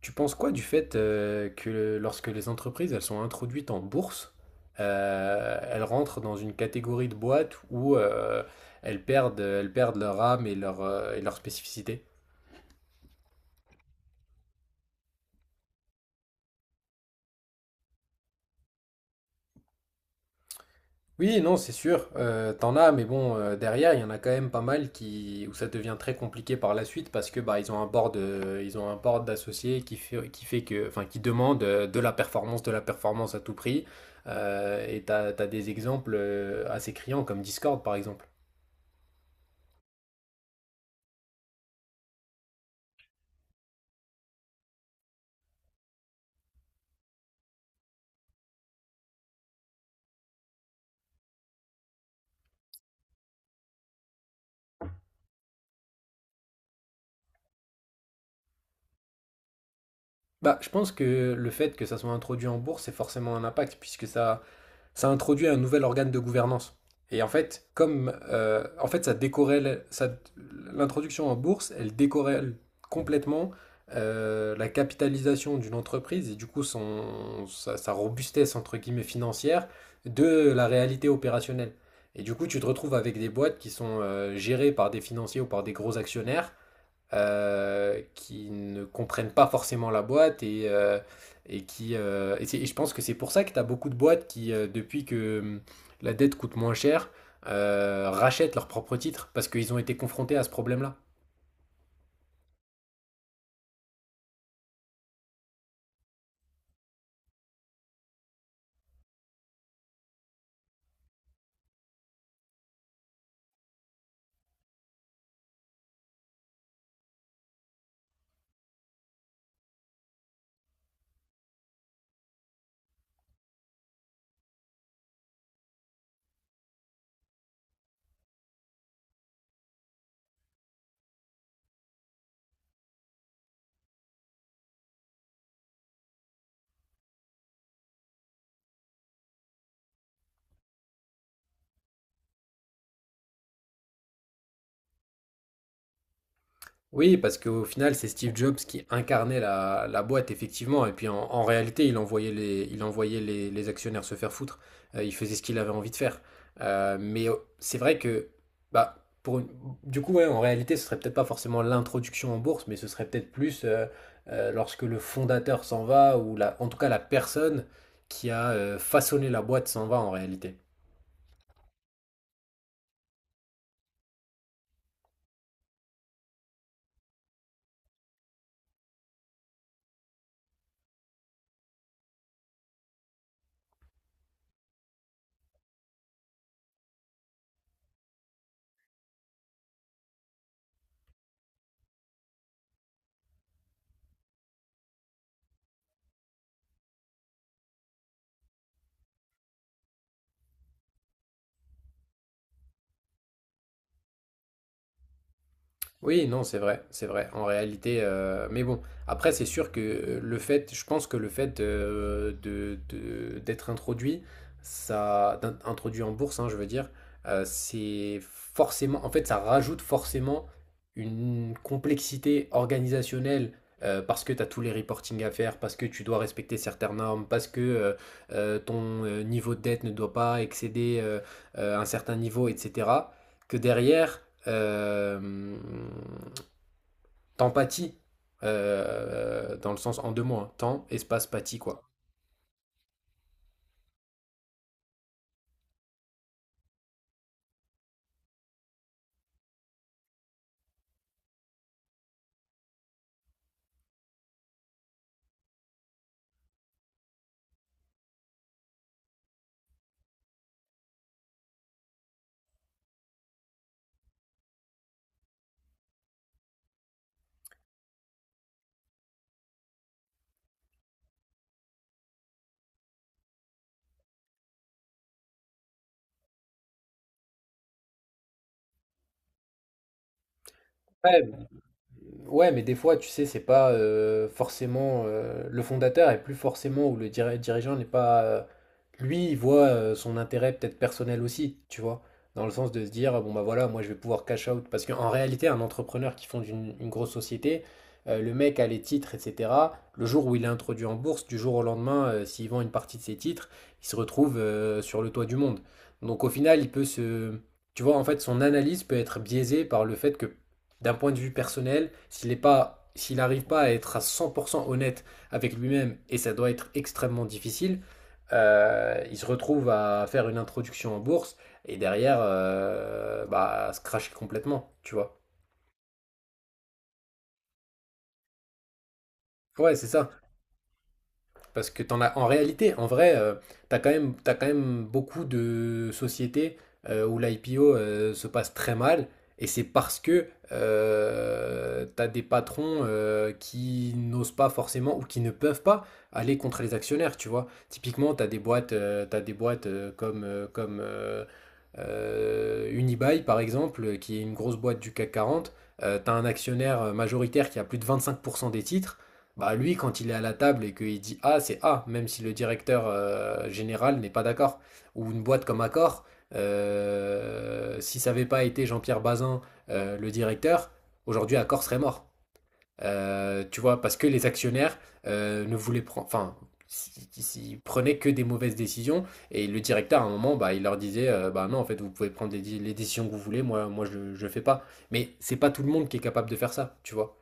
Tu penses quoi du fait que lorsque les entreprises elles sont introduites en bourse, elles rentrent dans une catégorie de boîtes où elles perdent leur âme et et leur spécificité? Oui, non, c'est sûr, t'en as, mais bon, derrière, il y en a quand même pas mal qui, où ça devient très compliqué par la suite parce que bah, ils ont un board, ils ont un board d'associés qui fait que, enfin, qui demande de la performance à tout prix. Et t'as des exemples assez criants comme Discord, par exemple. Bah, je pense que le fait que ça soit introduit en bourse, c'est forcément un impact, puisque ça, ça introduit un nouvel organe de gouvernance. Et en fait, comme en fait, ça décorrèle, ça, l'introduction en bourse, elle décorrèle complètement la capitalisation d'une entreprise et du coup son, sa, sa robustesse entre guillemets financière de la réalité opérationnelle. Et du coup, tu te retrouves avec des boîtes qui sont gérées par des financiers ou par des gros actionnaires qui ne comprennent pas forcément la boîte et qui et je pense que c'est pour ça que tu as beaucoup de boîtes qui depuis que la dette coûte moins cher rachètent leurs propres titres parce qu'ils ont été confrontés à ce problème-là. Oui, parce qu'au final, c'est Steve Jobs qui incarnait la, la boîte, effectivement. Et puis en, en réalité, il envoyait les actionnaires se faire foutre. Il faisait ce qu'il avait envie de faire. Mais c'est vrai que, bah, pour une- du coup, ouais, en réalité, ce serait peut-être pas forcément l'introduction en bourse, mais ce serait peut-être plus lorsque le fondateur s'en va, ou la, en tout cas la personne qui a façonné la boîte s'en va en réalité. Oui, non, c'est vrai, c'est vrai. En réalité, mais bon, après, c'est sûr que le fait, je pense que le fait d'être introduit, ça, introduit en bourse, hein, je veux dire, c'est forcément, en fait, ça rajoute forcément une complexité organisationnelle parce que tu as tous les reporting à faire, parce que tu dois respecter certaines normes, parce que ton niveau de dette ne doit pas excéder un certain niveau, etc que derrière, euh, t'empathies, dans le sens en deux mots, hein, temps, espace, pathie, quoi. Ouais, ouais, mais des fois, tu sais, c'est pas forcément le fondateur et plus forcément ou le dirigeant n'est pas lui, il voit son intérêt peut-être personnel aussi, tu vois, dans le sens de se dire bon bah voilà, moi je vais pouvoir cash out parce qu'en réalité, un entrepreneur qui fonde une grosse société, le mec a les titres, etc. Le jour où il est introduit en bourse, du jour au lendemain, s'il vend une partie de ses titres, il se retrouve sur le toit du monde. Donc au final, il peut se, tu vois, en fait, son analyse peut être biaisée par le fait que d'un point de vue personnel, s'il n'arrive pas à être à 100% honnête avec lui-même, et ça doit être extrêmement difficile, il se retrouve à faire une introduction en bourse et derrière, bah, à se cracher complètement, tu vois. Ouais, c'est ça. Parce que t'en as, en réalité, en vrai, t'as quand même beaucoup de sociétés où l'IPO se passe très mal, et c'est parce que t'as des patrons qui n'osent pas forcément ou qui ne peuvent pas aller contre les actionnaires, tu vois. Typiquement, t'as des boîtes comme, comme Unibail, par exemple, qui est une grosse boîte du CAC quarante, tu as un actionnaire majoritaire qui a plus de 25% des titres. Bah lui, quand il est à la table et qu'il dit A, c'est A, même si le directeur général n'est pas d'accord. Ou une boîte comme Accor, si ça n'avait pas été Jean-Pierre Bazin, le directeur, aujourd'hui Accor serait mort. Tu vois, parce que les actionnaires ne voulaient prendre, enfin, s- ils prenaient que des mauvaises décisions. Et le directeur, à un moment, bah, il leur disait, bah non, en fait, vous pouvez prendre les décisions que vous voulez. Moi, moi, je fais pas. Mais c'est pas tout le monde qui est capable de faire ça, tu vois.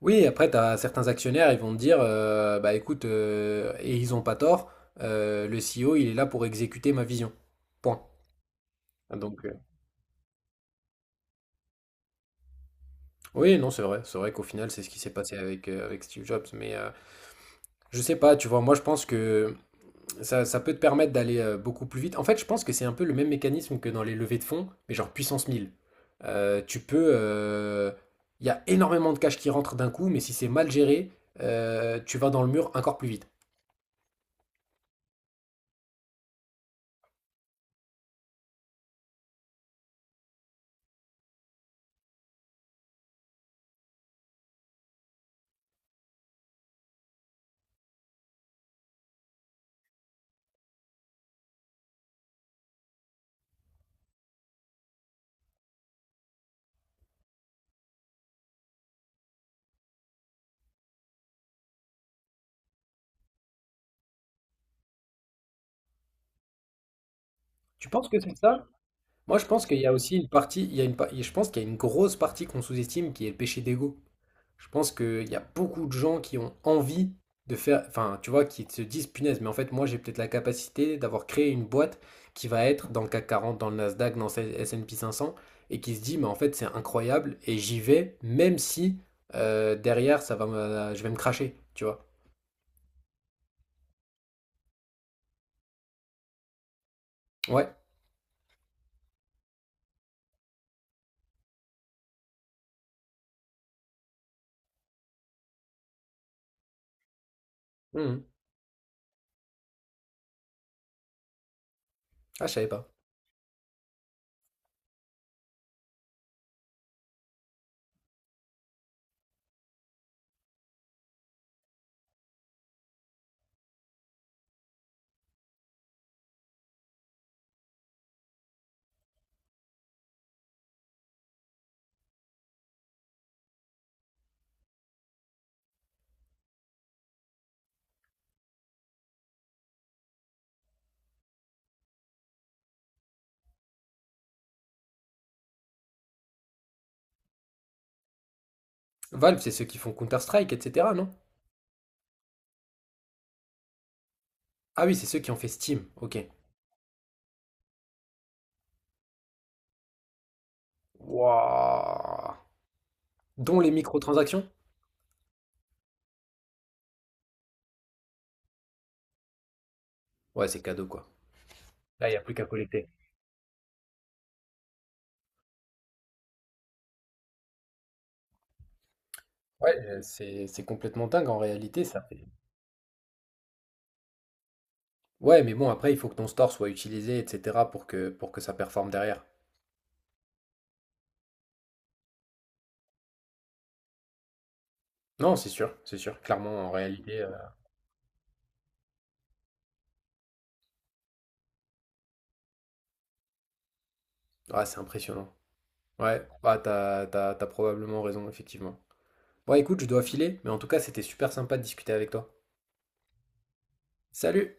Oui, après, t'as certains actionnaires, ils vont te dire, bah écoute, et ils ont pas tort. Le CEO, il est là pour exécuter ma vision. Point. Donc, oui, non, c'est vrai. C'est vrai qu'au final, c'est ce qui s'est passé avec, avec Steve Jobs. Mais je sais pas, tu vois, moi je pense que ça peut te permettre d'aller beaucoup plus vite. En fait, je pense que c'est un peu le même mécanisme que dans les levées de fonds, mais genre puissance 1000. Tu peux. Il y a énormément de cash qui rentre d'un coup, mais si c'est mal géré, tu vas dans le mur encore plus vite. Tu penses que c'est ça? Moi, je pense qu'il y a aussi une partie, il y a une, pa- je pense qu'il y a une grosse partie qu'on sous-estime qui est le péché d'ego. Je pense qu'il y a beaucoup de gens qui ont envie de faire, enfin, tu vois, qui se disent, punaise, mais en fait, moi, j'ai peut-être la capacité d'avoir créé une boîte qui va être dans le CAC 40, dans le Nasdaq, dans le S&P 500, et qui se dit, mais en fait, c'est incroyable, et j'y vais, même si derrière, je vais me cracher, tu vois. Ouais. Mhm. Ah, je savais pas. Valve, c'est ceux qui font Counter-Strike, etc., non? Ah oui, c'est ceux qui ont fait Steam, ok. Wouah! Dont les microtransactions? Ouais, c'est cadeau, quoi. Là, il n'y a plus qu'à collecter. Ouais, c'est complètement dingue en réalité, ça fait. Ouais, mais bon, après, il faut que ton store soit utilisé, etc., pour que ça performe derrière. Non, c'est sûr, c'est sûr. Clairement, en réalité, ouais, c'est impressionnant. Ouais, bah, t'as, t'as, t'as probablement raison, effectivement. Bon, écoute, je dois filer, mais en tout cas, c'était super sympa de discuter avec toi. Salut!